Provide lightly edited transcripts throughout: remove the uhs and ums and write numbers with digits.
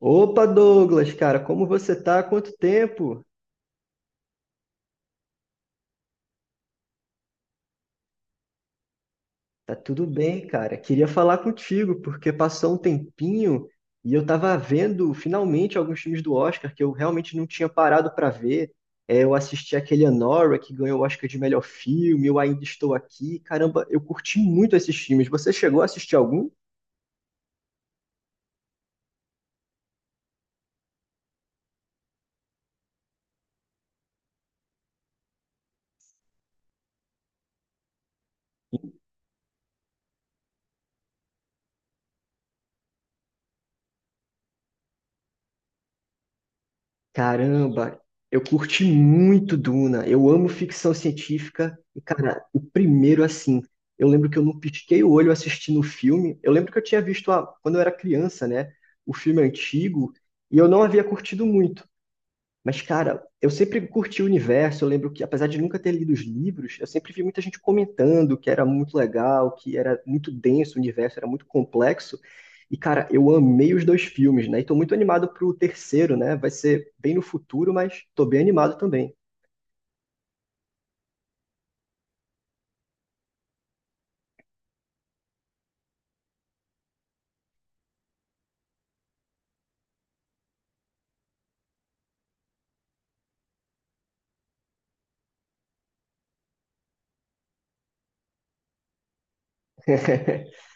Opa, Douglas, cara, como você tá? Há Quanto tempo? Tá tudo bem, cara. Queria falar contigo, porque passou um tempinho e eu tava vendo finalmente alguns filmes do Oscar que eu realmente não tinha parado pra ver. É, eu assisti aquele Anora que ganhou o Oscar de melhor filme, eu ainda estou aqui. Caramba, eu curti muito esses filmes. Você chegou a assistir algum? Caramba, eu curti muito Duna. Eu amo ficção científica. E, cara, o primeiro, assim, eu lembro que eu não pisquei o olho assistindo o filme. Eu lembro que eu tinha visto quando eu era criança, né? O filme antigo. E eu não havia curtido muito. Mas, cara, eu sempre curti o universo. Eu lembro que, apesar de nunca ter lido os livros, eu sempre vi muita gente comentando que era muito legal, que era muito denso o universo, era muito complexo. E, cara, eu amei os dois filmes, né? E tô muito animado pro terceiro, né? Vai ser bem no futuro, mas tô bem animado também.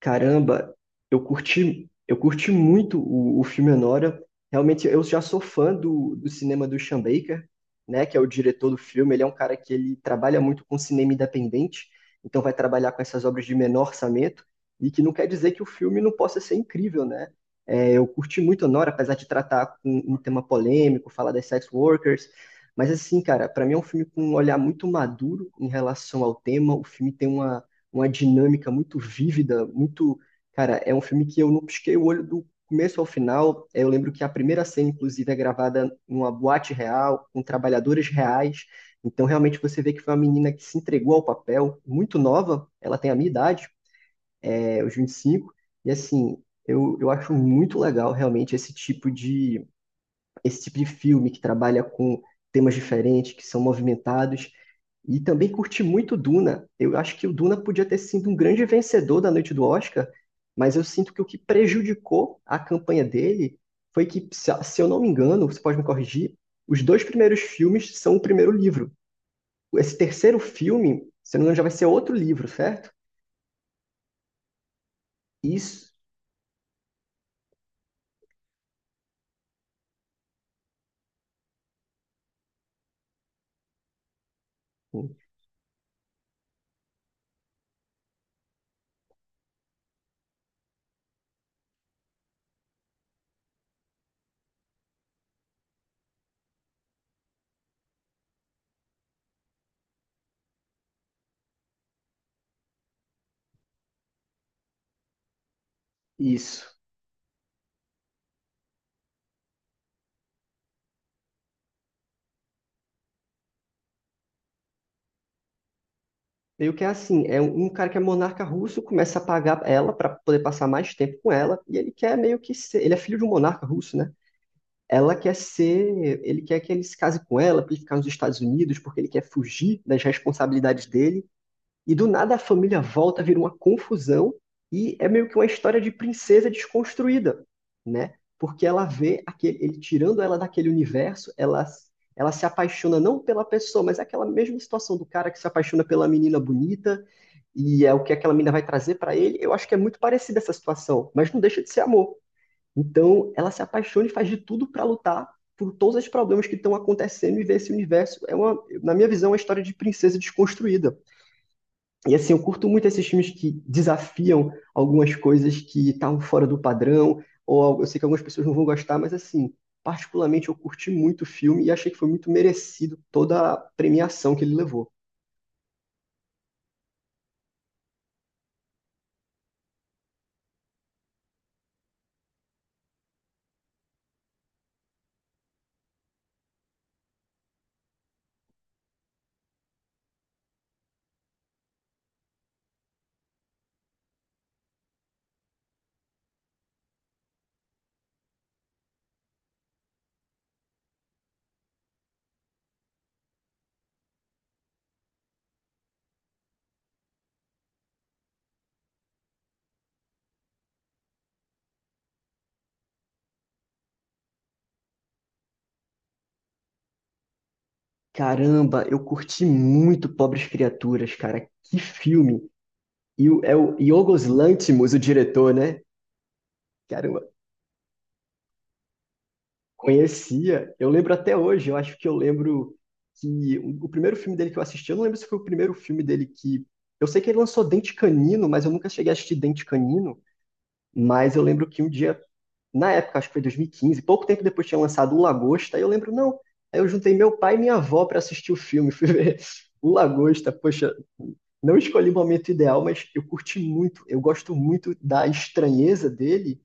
Caramba, eu curti muito o filme Anora. Realmente, eu já sou fã do cinema do Sean Baker, né, que é o diretor do filme. Ele é um cara que ele trabalha muito com cinema independente, então vai trabalhar com essas obras de menor orçamento, e que não quer dizer que o filme não possa ser incrível, né? É, eu curti muito Anora, apesar de tratar com um tema polêmico, falar das sex workers. Mas assim, cara, para mim é um filme com um olhar muito maduro em relação ao tema. O filme tem uma dinâmica muito vívida, muito. Cara, é um filme que eu não pisquei o olho do começo ao final. Eu lembro que a primeira cena, inclusive, é gravada numa boate real, com trabalhadores reais. Então, realmente, você vê que foi uma menina que se entregou ao papel, muito nova, ela tem a minha idade, é, os 25 e assim, eu acho muito legal, realmente, esse tipo de filme que trabalha com temas diferentes, que são movimentados. E também curti muito Duna. Eu acho que o Duna podia ter sido um grande vencedor da noite do Oscar, mas eu sinto que o que prejudicou a campanha dele foi que, se eu não me engano, você pode me corrigir, os dois primeiros filmes são o primeiro livro. Esse terceiro filme, se eu não me engano, já vai ser outro livro, certo? Isso. Isso. Meio que é assim, é um cara que é monarca russo, começa a pagar ela para poder passar mais tempo com ela, e ele quer meio que ser, ele é filho de um monarca russo, né? Ela quer ser, ele quer que ele se case com ela para ele ficar nos Estados Unidos, porque ele quer fugir das responsabilidades dele e do nada a família volta, vira uma confusão e é meio que uma história de princesa desconstruída, né? Porque ela vê aquele, ele tirando ela daquele universo, ela se apaixona não pela pessoa, mas é aquela mesma situação do cara que se apaixona pela menina bonita e é o que aquela menina vai trazer para ele. Eu acho que é muito parecida essa situação, mas não deixa de ser amor. Então ela se apaixona e faz de tudo para lutar por todos os problemas que estão acontecendo e ver esse universo é uma, na minha visão, é uma história de princesa desconstruída. E assim, eu curto muito esses filmes que desafiam algumas coisas que estavam fora do padrão, ou eu sei que algumas pessoas não vão gostar, mas assim, particularmente eu curti muito o filme e achei que foi muito merecido toda a premiação que ele levou. Caramba, eu curti muito Pobres Criaturas, cara. Que filme! E é o Yorgos Lanthimos, o diretor, né? Caramba, conhecia, eu lembro até hoje, eu acho que eu lembro que o primeiro filme dele que eu assisti, eu não lembro se foi o primeiro filme dele que. Eu sei que ele lançou Dente Canino, mas eu nunca cheguei a assistir Dente Canino, mas eu lembro que um dia, na época, acho que foi 2015 pouco tempo depois tinha lançado O Lagosta, aí eu lembro, não, aí eu juntei meu pai e minha avó para assistir o filme, fui ver O Lagosta, poxa, não escolhi o momento ideal, mas eu curti muito, eu gosto muito da estranheza dele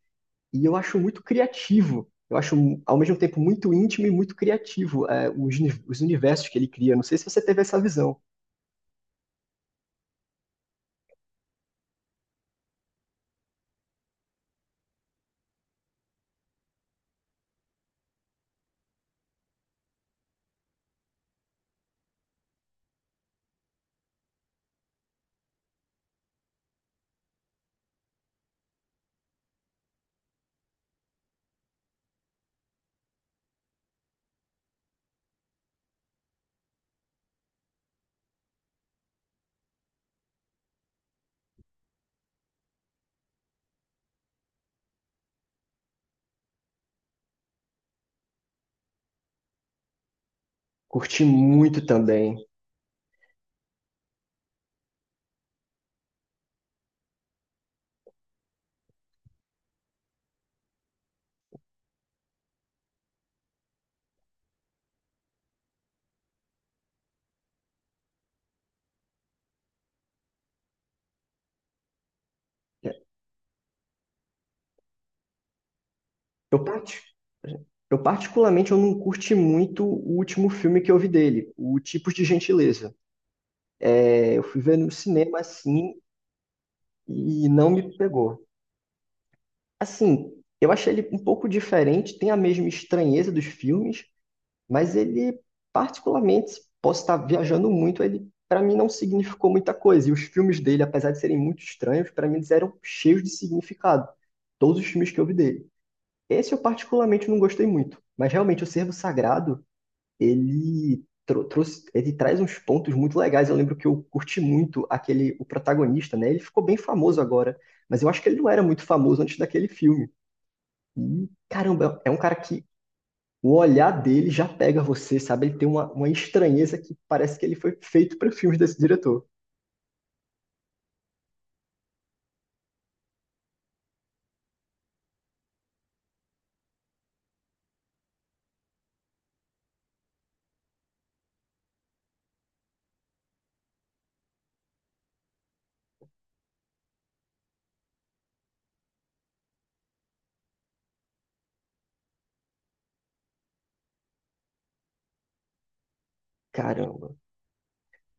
e eu acho muito criativo. Eu acho, ao mesmo tempo, muito íntimo e muito criativo, é, os universos que ele cria. Não sei se você teve essa visão. Curti muito também. É, Eu, parti- eu particularmente, eu não curti muito o último filme que eu vi dele, o Tipos de Gentileza. É, eu fui ver no cinema, assim, e não me pegou. Assim, eu achei ele um pouco diferente, tem a mesma estranheza dos filmes, mas ele, particularmente, posso estar viajando muito, ele para mim não significou muita coisa. E os filmes dele, apesar de serem muito estranhos, para mim eles eram cheios de significado. Todos os filmes que eu vi dele. Esse eu particularmente não gostei muito, mas realmente o Servo Sagrado, trouxe, ele traz uns pontos muito legais. Eu lembro que eu curti muito aquele o protagonista, né? Ele ficou bem famoso agora, mas eu acho que ele não era muito famoso antes daquele filme. E caramba, é um cara que o olhar dele já pega você, sabe? Ele tem uma estranheza que parece que ele foi feito para filmes desse diretor. Caramba.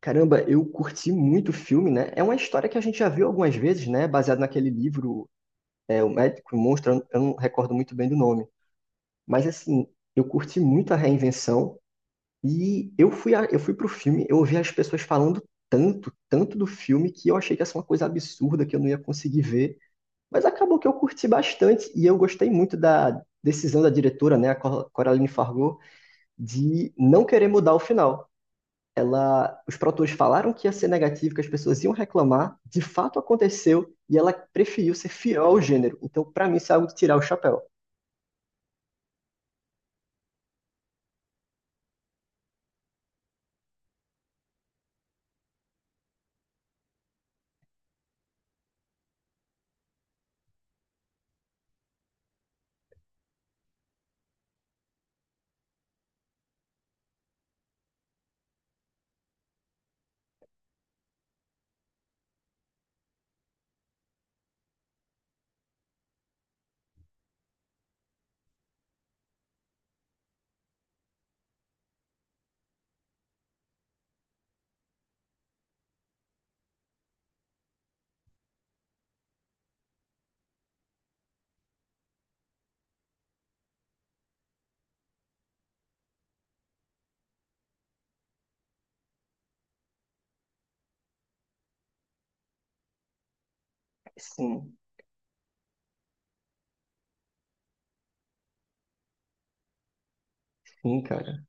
Caramba, eu curti muito o filme, né? É uma história que a gente já viu algumas vezes, né? Baseado naquele livro, é, O Médico e o Monstro, eu não recordo muito bem do nome. Mas, assim, eu curti muito a reinvenção e eu fui pro filme, eu ouvi as pessoas falando tanto do filme, que eu achei que ia ser uma coisa absurda, que eu não ia conseguir ver. Mas acabou que eu curti bastante e eu gostei muito da decisão da diretora, né, a Coraline Fargo, de não querer mudar o final. Ela, os produtores falaram que ia ser negativo, que as pessoas iam reclamar, de fato aconteceu e ela preferiu ser fiel ao gênero. Então, pra mim, isso é algo de tirar o chapéu. Sim. Sim, cara.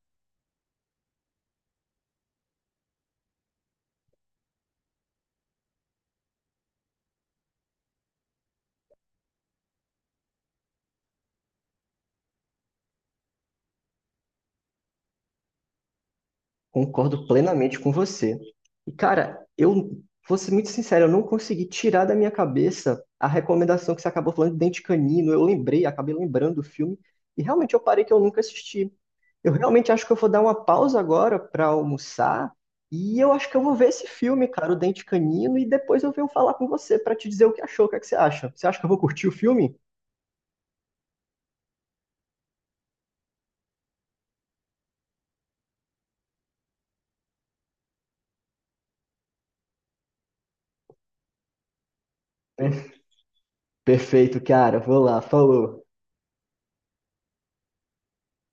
Concordo plenamente com você. E, cara, eu vou ser muito sincero, eu não consegui tirar da minha cabeça a recomendação que você acabou falando de Dente Canino. Eu lembrei, acabei lembrando do filme, e realmente eu parei que eu nunca assisti. Eu realmente acho que eu vou dar uma pausa agora para almoçar, e eu acho que eu vou ver esse filme, cara, o Dente Canino, e depois eu venho falar com você para te dizer o que achou, o que é que você acha. Você acha que eu vou curtir o filme? Perfeito, cara, vou lá, falou.